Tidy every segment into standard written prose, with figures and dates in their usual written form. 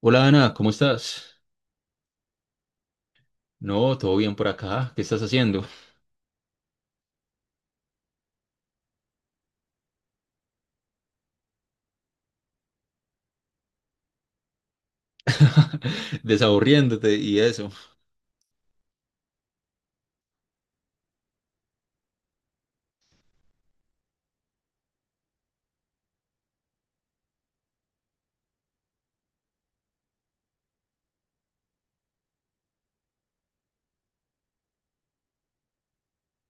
Hola Ana, ¿cómo estás? No, todo bien por acá. ¿Qué estás haciendo? Desaburriéndote y eso.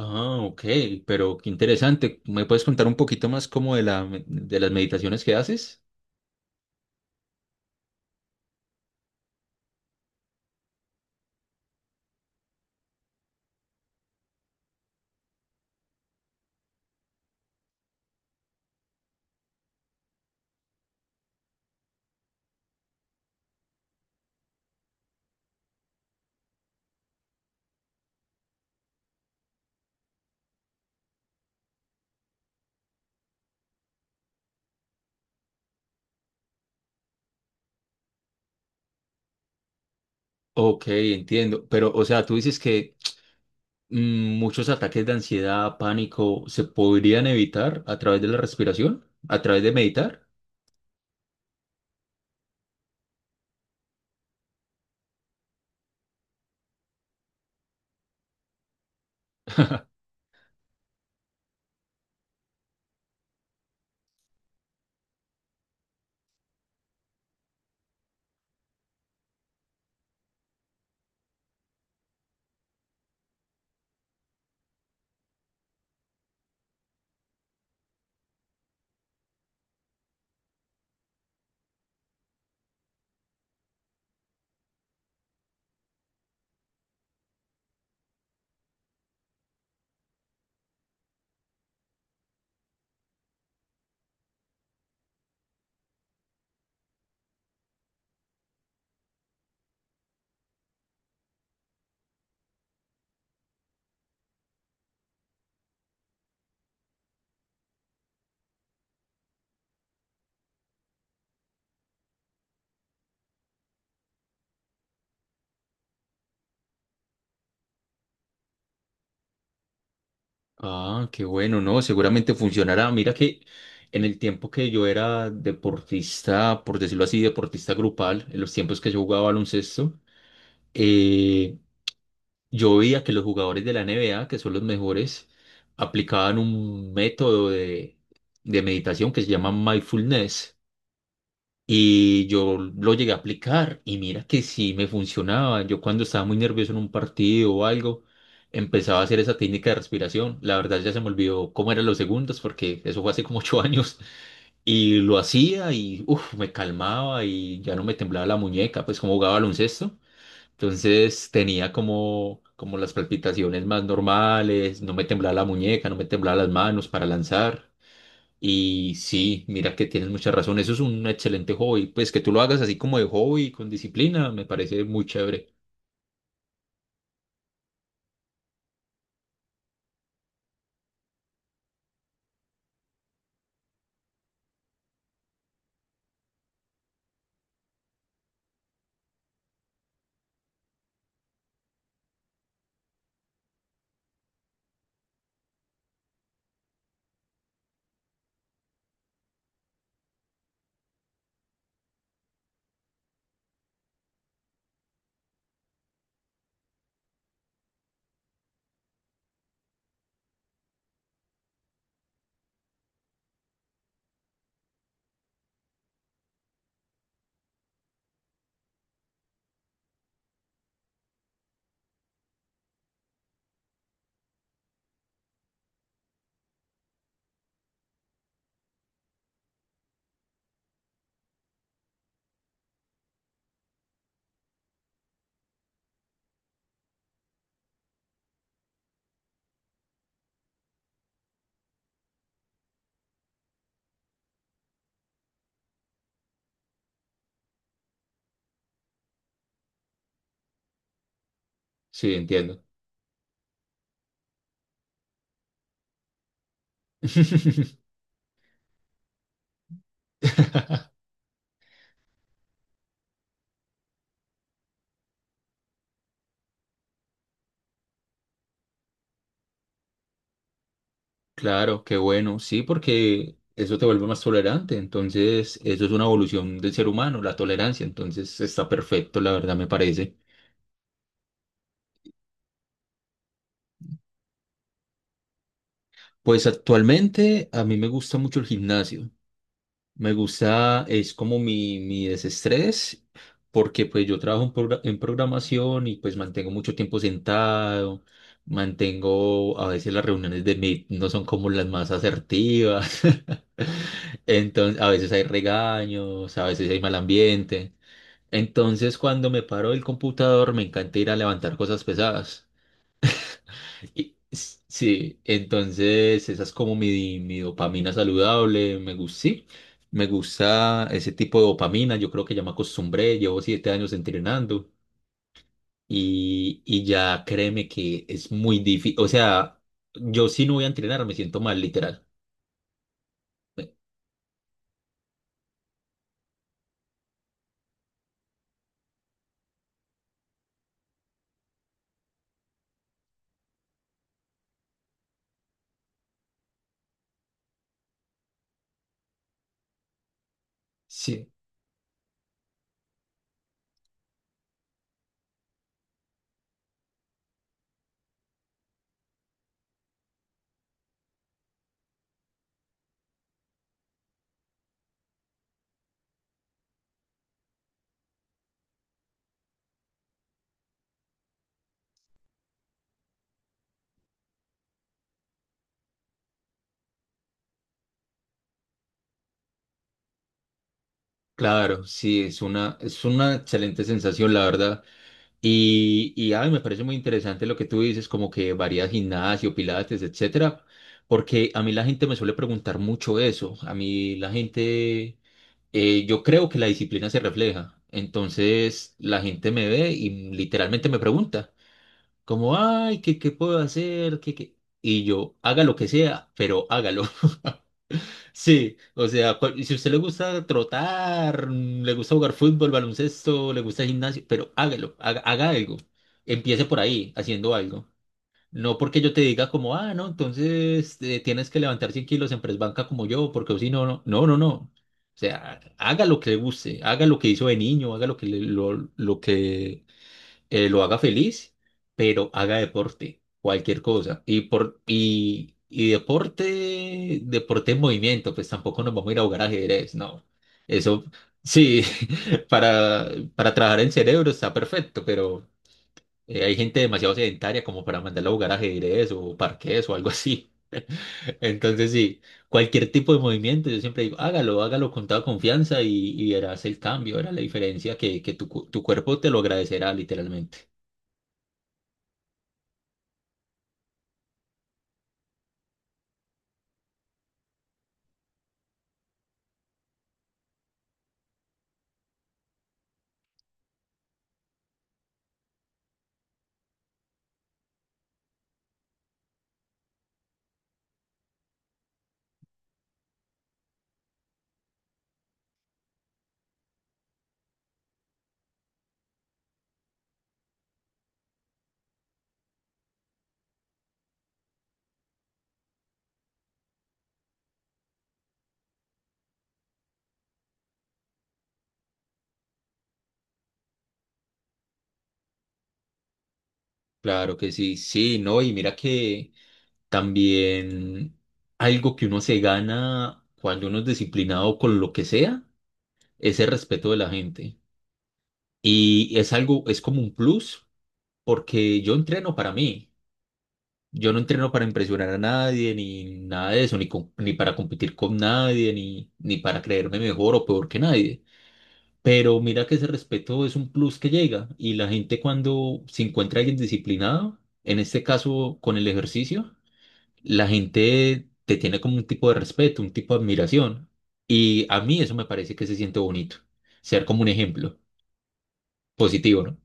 Ah, ok, pero qué interesante. ¿Me puedes contar un poquito más como de las meditaciones que haces? Ok, entiendo. Pero, o sea, tú dices que muchos ataques de ansiedad, pánico, se podrían evitar a través de la respiración, a través de meditar. Ah, qué bueno, ¿no? Seguramente funcionará. Mira que en el tiempo que yo era deportista, por decirlo así, deportista grupal, en los tiempos que yo jugaba baloncesto, eh, yo veía que los jugadores de la NBA, que son los mejores, aplicaban un de meditación que se llama mindfulness. Y yo lo llegué a aplicar y mira que sí me funcionaba. Yo cuando estaba muy nervioso en un partido o algo, empezaba a hacer esa técnica de respiración. La verdad ya se me olvidó cómo eran los segundos porque eso fue hace como ocho años. Y lo hacía y uf, me calmaba y ya no me temblaba la muñeca, pues como jugaba baloncesto. Entonces tenía como las palpitaciones más normales, no me temblaba la muñeca, no me temblaba las manos para lanzar. Y sí, mira que tienes mucha razón. Eso es un excelente hobby. Pues que tú lo hagas así como de hobby, con disciplina, me parece muy chévere. Sí, entiendo. Claro, qué bueno. Sí, porque eso te vuelve más tolerante. Entonces, eso es una evolución del ser humano, la tolerancia. Entonces, está perfecto, la verdad, me parece. Pues actualmente a mí me gusta mucho el gimnasio. Me gusta, es como mi desestrés, porque pues yo trabajo en programación y pues mantengo mucho tiempo sentado, mantengo, a veces las reuniones de Meet no son como las más asertivas, entonces a veces hay regaños, a veces hay mal ambiente, entonces cuando me paro del computador me encanta ir a levantar cosas pesadas. Sí, entonces esa es como mi dopamina saludable, me gusta, sí, me gusta ese tipo de dopamina, yo creo que ya me acostumbré, llevo siete años entrenando y ya créeme que es muy difícil, o sea, yo si no voy a entrenar me siento mal, literal. Sí, claro, sí, es es una excelente sensación, la verdad. Ay, me parece muy interesante lo que tú dices, como que varías gimnasio, pilates, etcétera, porque a mí la gente me suele preguntar mucho eso. A mí la gente, yo creo que la disciplina se refleja. Entonces la gente me ve y literalmente me pregunta, como, ay, ¿qué, qué puedo hacer? ¿Qué, qué? Y yo, haga lo que sea, pero hágalo. Sí, o sea, y si a usted le gusta trotar, le gusta jugar fútbol, baloncesto, le gusta gimnasio, pero hágalo, haga, haga algo. Empiece por ahí, haciendo algo. No porque yo te diga como, ah, no, entonces tienes que levantar 100 kilos en press banca como yo, porque si no, no, no, no, no. O sea, haga lo que le guste, haga lo que hizo de niño, haga lo que lo que lo haga feliz, pero haga deporte, cualquier cosa. Y deporte, deporte en movimiento, pues tampoco nos vamos a ir a jugar ajedrez, no. Eso, sí, para, para trabajar en cerebro está perfecto, pero hay gente demasiado sedentaria como para mandarla a jugar ajedrez o parqués o algo así. Entonces, sí, cualquier tipo de movimiento, yo siempre digo, hágalo, hágalo con toda confianza y verás el cambio, verás la diferencia que tu cuerpo te lo agradecerá literalmente. Claro que sí, sí, no, y mira que también algo que uno se gana cuando uno es disciplinado con lo que sea es el respeto de la gente. Y es algo, es como un plus, porque yo entreno para mí. Yo no entreno para impresionar a nadie, ni nada de eso, ni para competir con nadie, ni para creerme mejor o peor que nadie. Pero mira que ese respeto es un plus que llega y la gente cuando se encuentra alguien disciplinado, en este caso con el ejercicio, la gente te tiene como un tipo de respeto, un tipo de admiración. Y a mí eso me parece que se siente bonito. Ser como un ejemplo positivo, ¿no?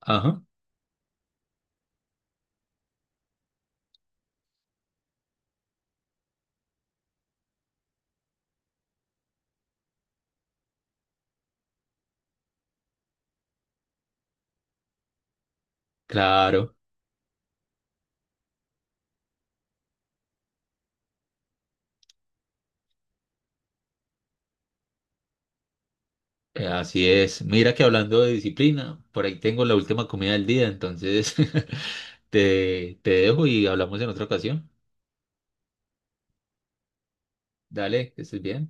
Ajá, claro, así es. Mira que hablando de disciplina, por ahí tengo la última comida del día, entonces te dejo y hablamos en otra ocasión. Dale, que estés bien.